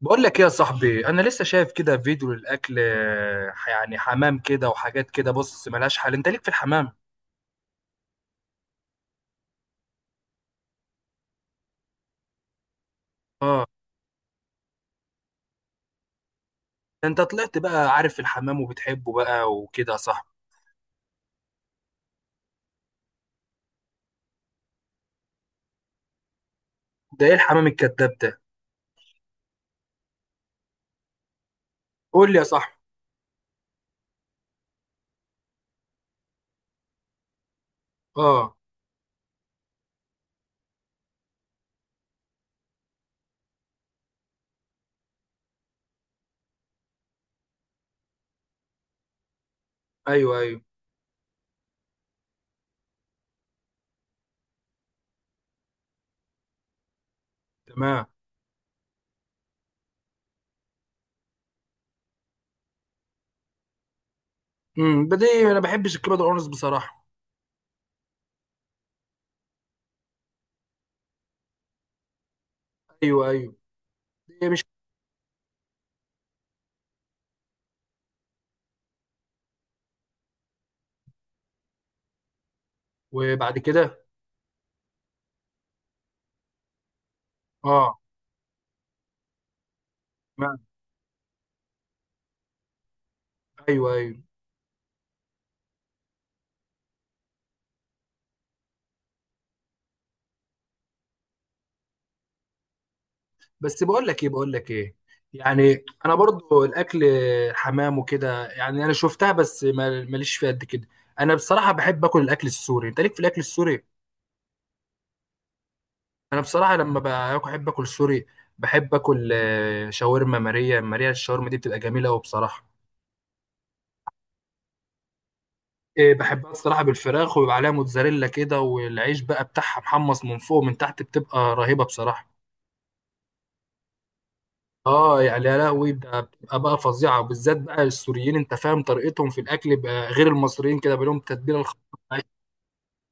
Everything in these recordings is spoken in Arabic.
بقول لك ايه يا صاحبي؟ انا لسه شايف كده فيديو للاكل، يعني حمام كده وحاجات كده. بص، ملهاش حل. انت ليك في الحمام؟ اه. ده انت طلعت بقى عارف الحمام وبتحبه بقى وكده يا صاحبي. ده ايه الحمام الكذاب ده؟ قول لي يا صاحبي. اه. ايوه، ايوه. تمام. بدي انا ما بحبش الكبد والقرنص بصراحه. ايوه، ايوه. دي مش... وبعد كده؟ اه. تمام. ايوه، ايوه. بس بقول لك ايه، يعني انا برضو الاكل حمام وكده، يعني انا شفتها، بس ماليش فيها قد كده. انا بصراحه بحب اكل الاكل السوري. انت ليك في الاكل السوري؟ انا بصراحه لما باكل بحب اكل سوري. بحب اكل شاورما. ماريا ماريا، الشاورما دي بتبقى جميله قوي بصراحه. إيه، بحبها الصراحه بالفراخ، وبيبقى عليها موتزاريلا كده، والعيش بقى بتاعها محمص من فوق ومن تحت، بتبقى رهيبه بصراحه. اه، يعني يا لهوي بتبقى بقى فظيعه، وبالذات بقى السوريين انت فاهم طريقتهم في الاكل بقى، غير المصريين كده، بقى لهم التتبيله الخاصه.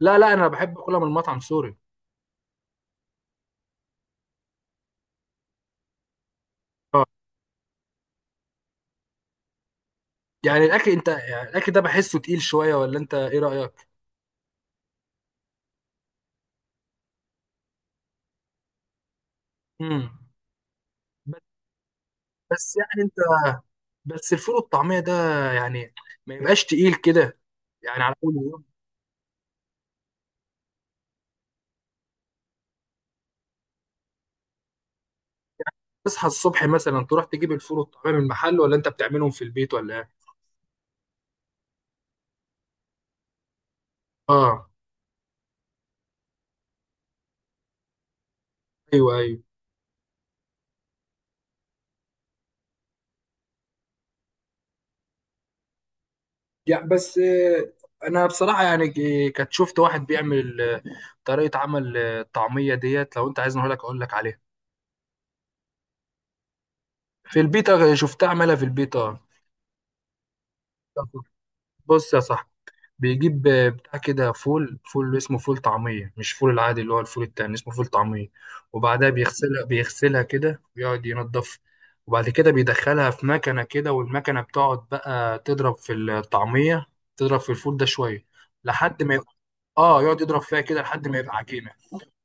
لا، لا، انا بحب اكلها من مطعم سوري. اه. يعني الاكل انت، يعني الاكل ده بحسه تقيل شويه، ولا انت ايه رايك؟ امم بس يعني انت، بس الفول والطعميه ده، يعني ما يبقاش تقيل كده، يعني على اول يوم. تصحى الصبح مثلا تروح تجيب الفول والطعميه من المحل، ولا انت بتعملهم في البيت، ولا ايه؟ اه. ايوه، ايوه. يعني بس انا بصراحه يعني كنت شفت واحد بيعمل طريقه عمل الطعميه ديت. لو انت عايزني اقول لك عليها. في البيتا، شفتها عملها في البيتا. بص يا صاحبي، بيجيب بتاع كده فول اسمه فول طعميه، مش فول العادي، اللي هو الفول التاني اسمه فول طعميه. وبعدها بيغسلها كده ويقعد ينضف. وبعد كده بيدخلها في مكنه كده، والمكنه بتقعد بقى تضرب في الطعميه، تضرب في الفول ده شويه لحد ما يبقى... اه، يقعد يضرب فيها كده لحد ما يبقى عجينه.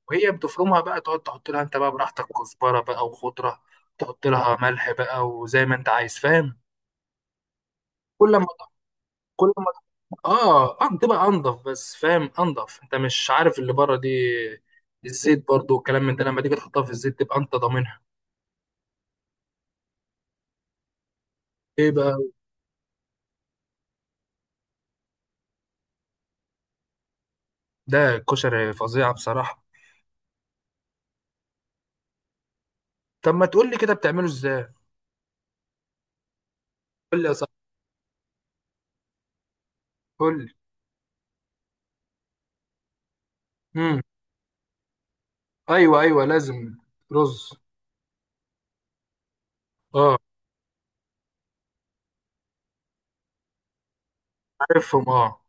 وهي بتفرمها بقى، تقعد تحط لها انت بقى براحتك كزبره بقى وخضره، تحط لها ملح بقى، وزي ما انت عايز فاهم. كل ما كل ما اه، اه، بتبقى انضف، بس فاهم انضف انت مش عارف اللي بره دي. الزيت برضو والكلام من ده، لما تيجي تحطها في الزيت تبقى انت ضامنها. ايه بقى؟ ده الكشري فظيعه بصراحه. طب ما تقول لي كده بتعمله ازاي. قول لي يا صاحبي. قول لي. امم ايوه، ايوه، لازم رز. اه، عارفهم. اه،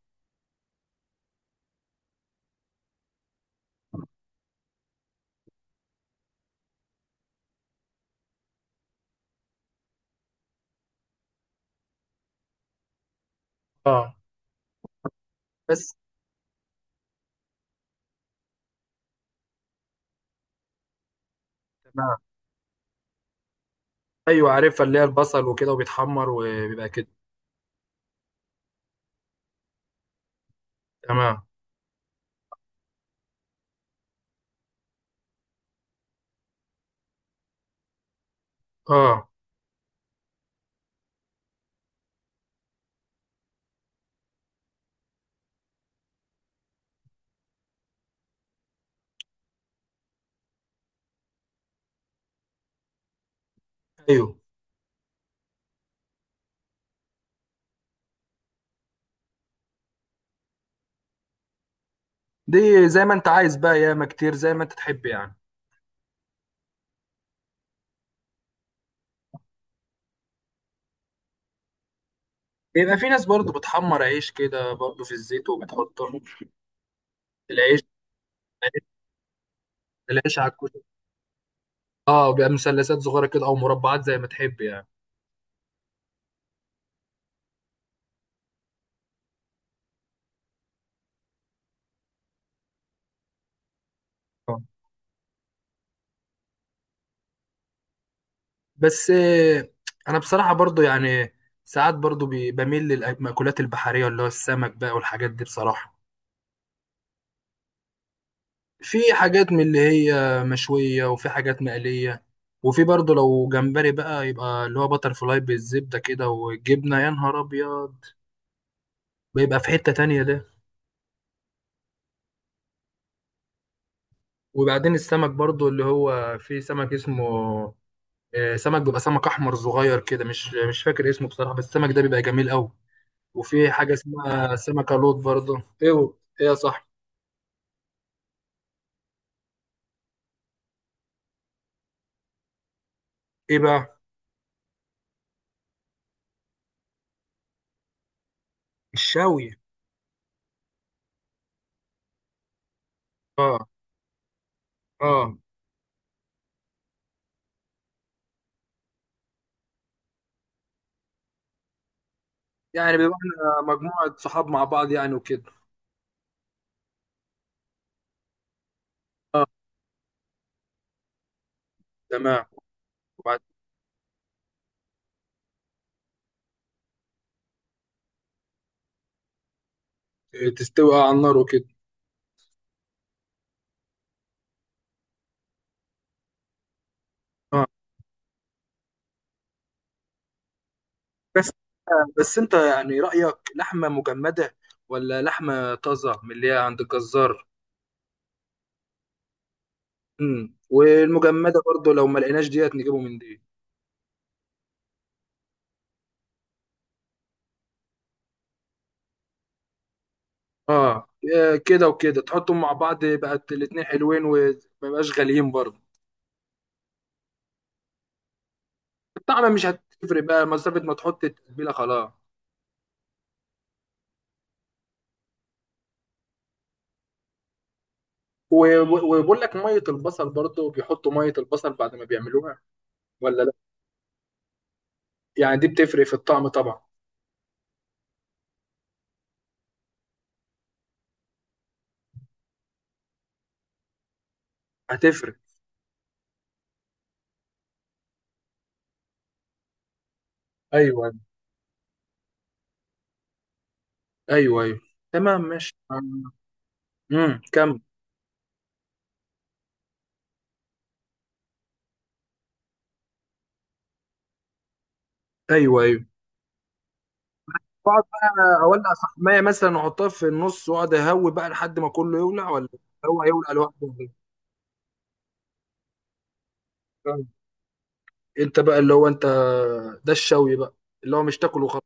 اه. بس. تمام. ايوه، عارفها، اللي هي البصل وكده وبيتحمر وبيبقى كده. تمام. اه. ايوه، دي زي ما انت عايز بقى، ياما كتير زي ما انت تحب يعني. يبقى في ناس برضو بتحمر عيش كده برضو في الزيت وبتحطه. العيش، العيش، العيش على الكشري. اه، بيبقى مثلثات صغيره كده، او مربعات زي ما تحب يعني. آه. بس انا بصراحه برضو يعني ساعات برضو بميل للمأكولات البحريه، اللي هو السمك بقى والحاجات دي بصراحه. في حاجات من اللي هي مشوية، وفي حاجات مقلية، وفي برضه لو جمبري بقى يبقى اللي هو باتر فلاي بالزبدة كده والجبنة، يا نهار أبيض، بيبقى في حتة تانية ده. وبعدين السمك برضه اللي هو في سمك اسمه سمك. بيبقى سمك أحمر صغير كده، مش فاكر اسمه بصراحة، بس السمك ده بيبقى جميل أوي. وفي حاجة اسمها سمكة لوط برضه. إيه؟ إيه يا صاحبي؟ إيه بقى؟ الشاوي. آه. آه. يعني بيبقى إحنا مجموعة صحاب مع بعض يعني وكده. آه. تمام. تستوي على النار وكده. اه. بس، بس انت يعني رأيك لحمة مجمدة، ولا لحمة طازة من اللي هي عند الجزار؟ والمجمدة برضو لو ما لقيناش ديت نجيبه من دي. اه. كده وكده تحطهم مع بعض، بقت الاتنين حلوين وما يبقاش غاليين برضو. الطعم مش هتفرق بقى مسافة ما تحط التتبيلة خلاص. وبقول لك، مية البصل برضو بيحطوا مية البصل بعد ما بيعملوها، ولا لا؟ يعني دي بتفرق في الطعم طبعا. هتفرق. ايوه، ايوه، ايوه. تمام، ماشي. كمل. ايوه، ايوه. اقعد بقى اولع فحمايه مثلا واحطها في النص واقعد اهوي بقى لحد ما كله يولع، ولا هو هيولع لوحده ولا إيه؟ فاهم. انت بقى اللي هو انت، ده الشوي بقى، اللي هو مش تاكل وخلاص.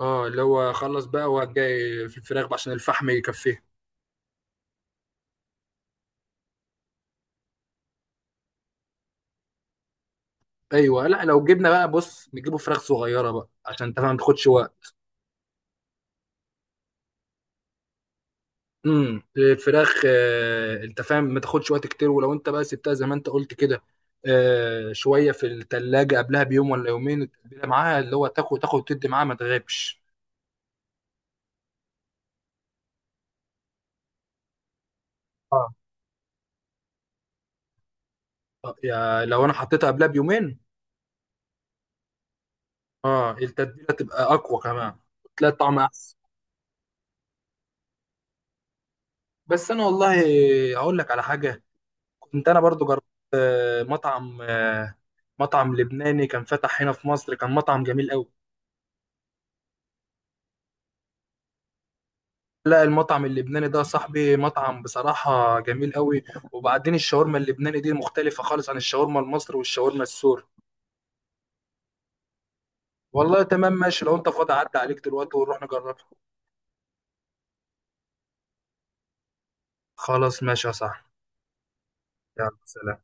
اه، اللي هو خلص بقى وجاي في الفراخ بقى عشان الفحم يكفيه. ايوه. لا، لو جبنا بقى، بص، نجيبه فراخ صغيره بقى عشان انت فاهم ما تاخدش وقت. الفراخ انت فاهم ما تاخدش وقت كتير، ولو انت بقى سبتها زي ما انت قلت كده شويه في التلاجة قبلها بيوم ولا يومين، التتبيله معاها اللي هو تاخد تاخد وتدي معاها ما تغيبش. اه. يا لو انا حطيتها قبلها بيومين، اه، التتبيله تبقى اقوى كمان، تلاقي الطعم احسن. بس انا والله اقول لك على حاجه، كنت انا برضو جربت مطعم، مطعم لبناني كان فتح هنا في مصر، كان مطعم جميل قوي. لا، المطعم اللبناني ده يا صاحبي مطعم بصراحة جميل قوي. وبعدين الشاورما اللبناني دي مختلفة خالص عن الشاورما المصري والشاورما السوري. والله تمام، ماشي، لو انت فاضي عدى عليك دلوقتي ونروح نجربها. خلاص، ماشي يا صاحبي. يلا، سلام.